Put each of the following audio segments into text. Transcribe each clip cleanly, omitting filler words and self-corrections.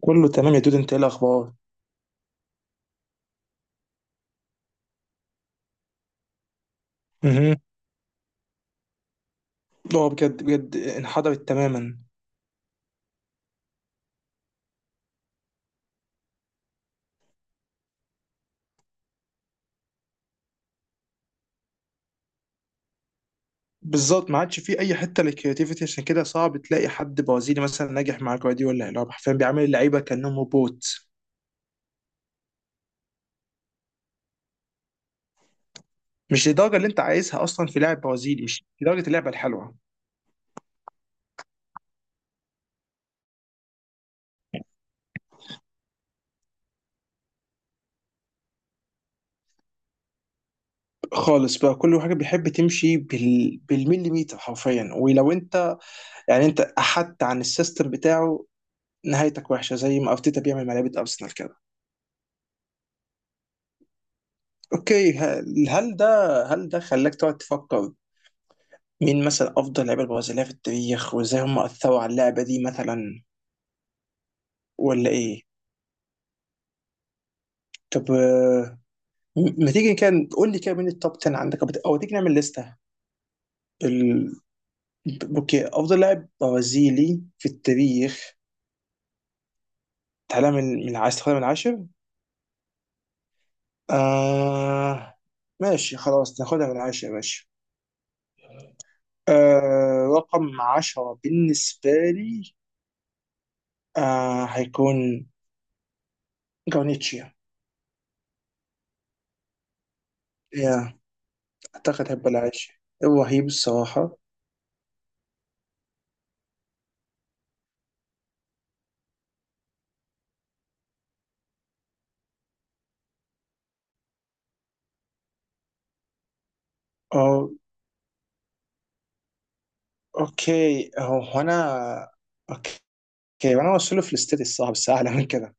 كله تمام يا دود، انت ايه الاخبار؟ مهم. اه بجد بجد، انحدرت تماما. بالظبط، ما عادش في اي حته للكرياتيفيتي، عشان كده صعب تلاقي حد برازيلي مثلا ناجح مع جوارديولا اللي هو حرفيا بيعامل اللعيبه كانهم روبوت. مش للدرجه اللي انت عايزها، اصلا في لاعب برازيلي مش لدرجه اللعبه الحلوه خالص بقى. كل حاجه بيحب تمشي بالمليمتر حرفيا، ولو انت يعني انت احدت عن السيستم بتاعه نهايتك وحشه، زي ما ارتيتا بيعمل مع لعيبه ارسنال كده. اوكي، هل ده خلاك تقعد تفكر مين مثلا افضل لعيبه البرازيليه في التاريخ وازاي هم اثروا على اللعبه دي مثلا، ولا ايه؟ طب ما تيجي كان قول لي كده مين التوب 10 عندك، او أو تيجي نعمل لسته. بال... اوكي، افضل لاعب برازيلي في التاريخ. تعالى من عايز تاخدها من 10. آه... ماشي، خلاص ناخدها من 10، ماشي. رقم 10 بالنسبة لي هيكون جونيتشيا. يا أعتقد هيبقى العاشر، رهيب الصراحة. اه اوكي، هو انا، اوكي، وانا اوصله في الاستدي الصعب بس اعلى من كده.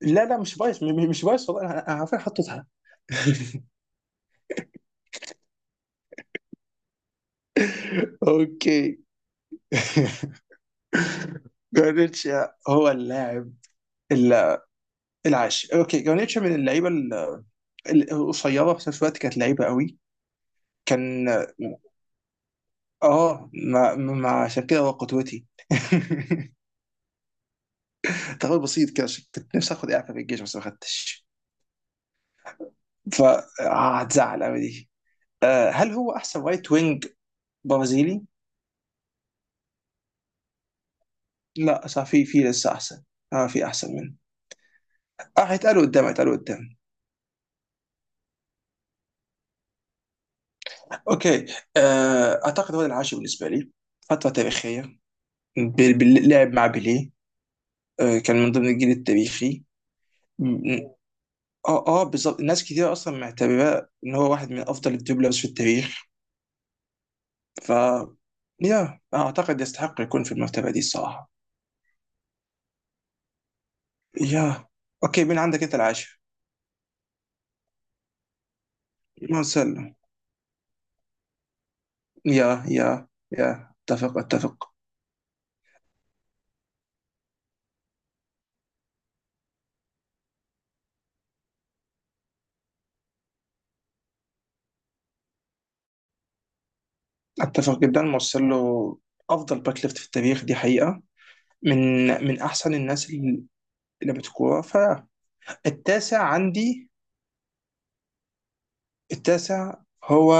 لا لا، مش بايظ، مش بايظ والله، أنا عارفين حطيتها. اوكي. جارنيتشا هو اللاعب ال- العاشر. اوكي، جارنيتشا من اللعيبه القصيره، في نفس الوقت كانت لعيبه قوي. كان اه ما عشان كده هو قدوتي. تغير بسيط كده، عشان كنت نفسي اخد اعفاء في الجيش بس ما خدتش، فهتزعل قوي دي. هل هو احسن رايت وينج برازيلي؟ لا صح، في لسه احسن. اه في احسن منه. اه هيتقالوا قدام، هيتقالوا قدام. اوكي. آه اعتقد هو العاشر بالنسبه لي. فتره تاريخيه باللعب مع بيليه. آه كان من ضمن الجيل التاريخي. م- م- اه اه بالظبط، ناس كتير اصلا معتبراه ان هو واحد من افضل الدبلرز في التاريخ. ف يا اعتقد يستحق يكون في المرتبه دي الصراحه. يا اوكي، مين عندك انت العاشر؟ ما سلم. يا يا يا اتفق اتفق. اتفق جدا، مارسيلو افضل باك ليفت في التاريخ، دي حقيقه. من احسن الناس اللي لعبت كوره. فالتاسع عندي، التاسع هو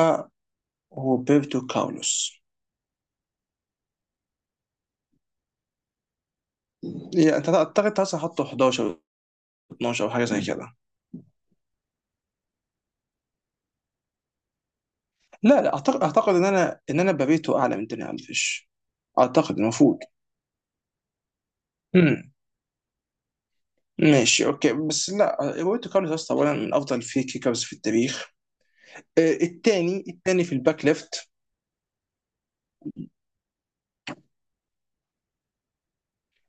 روبرتو كارلوس. يعني أنت اعتقد تاسع حطه 11، 12 او حاجه زي كده. لا لا، اعتقد اعتقد ان انا بابيتو اعلى من داني الفيش، اعتقد المفروض. امم ماشي اوكي، بس لا، روبرتو كارلوس اصلا اولا من افضل الفري كيكرز في التاريخ، الثاني الثاني في الباك ليفت.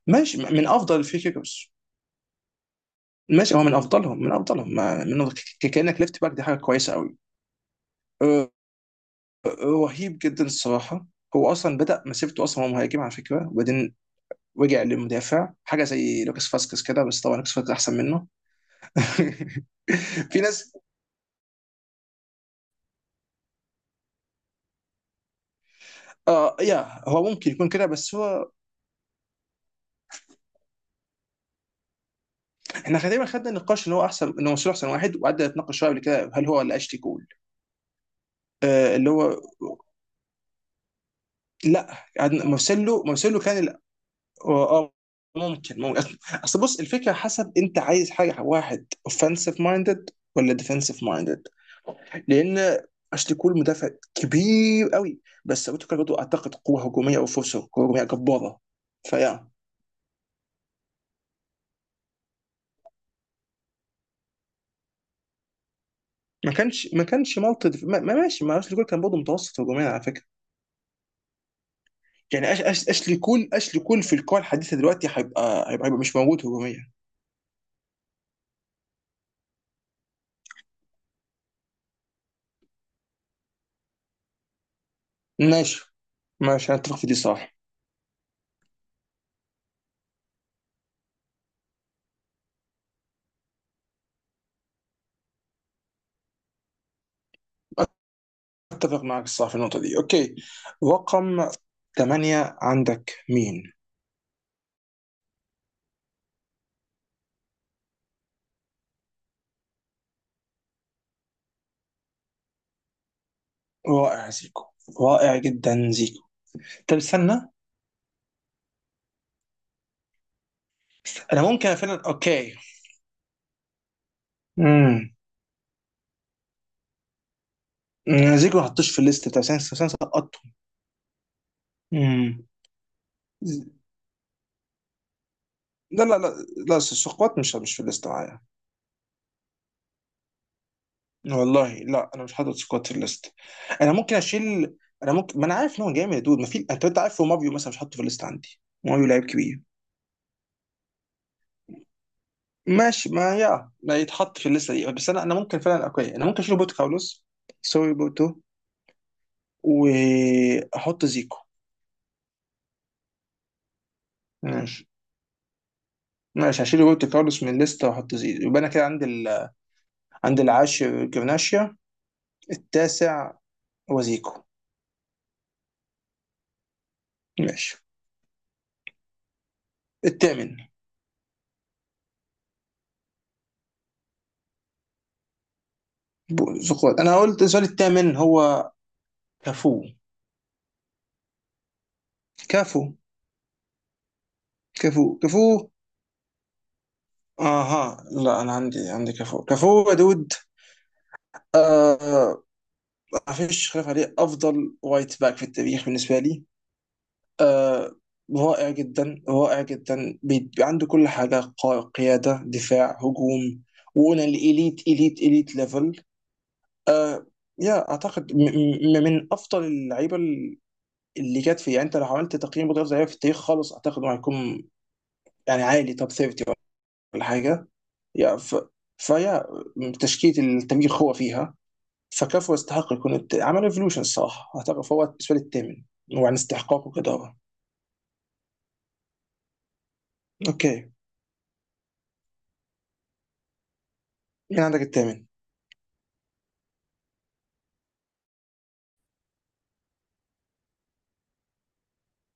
ماشي، من افضل الفري كيكرز. ماشي، هو من افضلهم، من افضلهم، ما كانك ليفت باك دي حاجه كويسه قوي. أه، رهيب جدا الصراحه. هو اصلا بدا مسيرته، اصلا هو مهاجم على فكره، وبعدين رجع للمدافع، حاجه زي لوكاس فاسكس كده، بس طبعا لوكاس فاسكس احسن منه. في ناس. اه يا هو ممكن يكون كده، بس هو احنا تقريبا خدنا النقاش ان هو احسن، ان هو مرسلو احسن واحد، وقعدنا نتناقش شويه قبل كده هل هو ولا اشلي كول. اللي هو لا، مرسلو كان اه. آه، ممكن أصل بص، الفكره حسب انت عايز حاجه، واحد اوفensive مايندد ولا ديفensive مايندد، لان اشلي كول مدافع كبير قوي. بس ابو تريكة برضه اعتقد قوه هجوميه او فرصه هجوميه جباره فيا. ما كانش ماشي، ما اشلي كول كان برضه متوسط هجوميا على فكره. يعني اشلي كول في الكره الحديثه دلوقتي هيبقى، هيبقى مش موجود هجوميا. ماشي ماشي، انا اتفق في دي، صح. اتفق معك الصراحه في النقطه دي. اوكي، رقم 8 عندك مين؟ رائع، زيكو. رائع جدا زيكو. طب استنى، انا ممكن فعلا اوكي. امم زيكو ما حطوش في الليست بتاع سانس سقطته. امم ز- لا لا لا، لا سكوات مش في الليست معايا. والله لا، انا مش حاطط سكوات في الليست. انا ممكن اشيل، انا ممكن، ما انا عارف ان هو جامد يا دود، ما في، انت عارف هو ماريو مثلا مش حاطه في الليست عندي، ماريو لعيب كبير. ماشي، ما يا ما يتحط في الليسته دي، بس انا ممكن فعلا اوكي، انا ممكن اشيل بوت كارلوس، سوري بوتو، واحط زيكو. ماشي ماشي، هشيل بوت كارلوس من الليسته واحط زيكو. يبقى انا كده عندي عند العاشر جرناشيا، التاسع هو زيكو. ماشي، الثامن. زقوات، انا قلت السؤال الثامن هو كافو. كافو. كافو اها، لا انا عندي، عندي كافو، كافو يا دود. آه، ما فيش خلاف عليه، افضل وايت باك في التاريخ بالنسبه لي. آه رائع جدا، رائع جدا، عنده كل حاجة، قيادة، دفاع، هجوم، وقلنا الإليت، إليت ليفل. آه يا أعتقد من أفضل اللعيبة اللي جت فيه. يعني أنت لو عملت تقييم بطولة لعيبة في التاريخ خالص، أعتقد إنه هيكون يعني عالي، توب 30 ولا حاجة. يا فيا تشكيلة التاريخ هو فيها. فكفو يستحق يكون عمل ايفولوشن الصراحة، أعتقد فهو بالنسبة لي الثامن، وعن استحقاقه كده. أوكي، مين عندك الثامن؟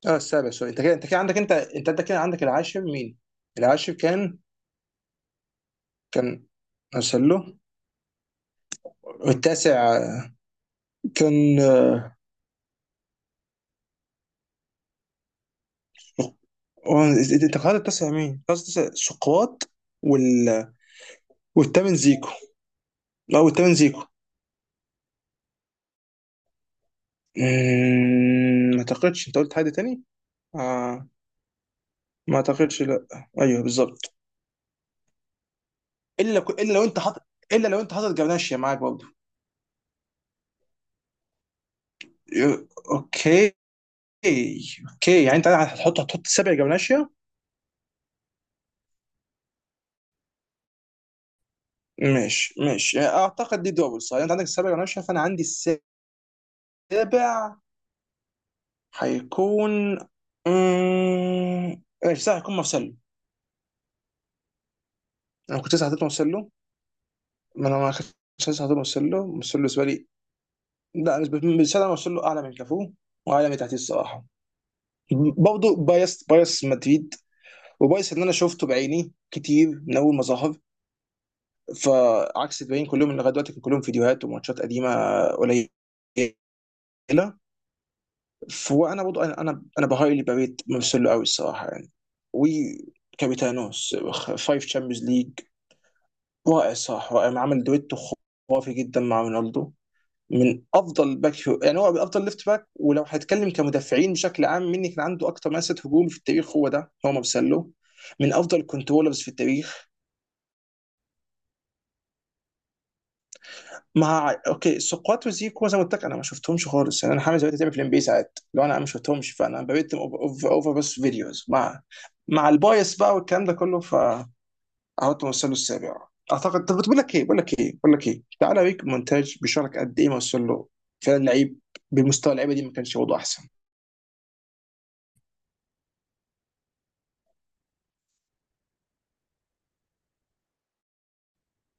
اه السابع، سوري. انت كده، انت كده عندك، انت كده عندك، العاشر مين؟ العاشر كان، كان ارسلو. والتاسع كان انت قرأت التاسع مين؟ قرأت التاسع سقراط. وال والثامن زيكو. لا والثامن زيكو. ما اعتقدش، انت قلت حد تاني؟ آه ما اعتقدش، لا. ايوه، بالظبط. الا لو انت حاطط، الا لو انت حاطط جبناشيا معاك برضه. ي- اوكي، اوكي يعني انت هتحط، هتحط 7 جبناشيا. ماشي ماشي، يعني اعتقد دي دول صح. انت عندك السابع، وانا مش شايف، انا عندي السابع هيكون ماشي، صح، هيكون مارسيلو. انا كنت لسه حاطط مارسيلو، ما انا ما كنتش لسه حاطط مارسيلو. مارسيلو بالنسبه لي، لا بالنسبه، بالنسبة لي مارسيلو اعلى من كافو، واعلى من تحتيه الصراحه. برضه بايس، بايس مدريد، وبايس ان انا شفته بعيني كتير من اول ما ظهر، فعكس الباقيين كلهم اللي لغايه دلوقتي كان كلهم فيديوهات وماتشات قديمه قليله. وانا برضه، انا بهايلي بريت مارسيلو قوي الصراحه يعني، وكابيتانوس فايف تشامبيونز ليج، رائع، صح رائع، عمل دويتو خرافي جدا مع رونالدو. من افضل يعني هو افضل ليفت باك، ولو هتكلم كمدافعين بشكل عام مين اللي كان عنده اكتر مسات هجوم في التاريخ، هو ده، هو مارسيلو. من افضل كنترولرز في التاريخ. مع اوكي، سقوط وزيكو زي ما قلت لك انا ما شفتهمش خالص، يعني انا حامل زمان بتعمل في الام بي ساعات، لو انا ما شفتهمش فانا ببيت اوفر، بس فيديوز مع، مع البايس بقى والكلام ده كله، فقعدت اوصل له السابع. اعتقد، طب بقول لك ايه بقول لك ايه بقول لك ايه تعالى اوريك مونتاج بيشارك قد ايه ما وصل له فعلا، لعيب بمستوى اللعيبه دي ما كانش وضعه احسن.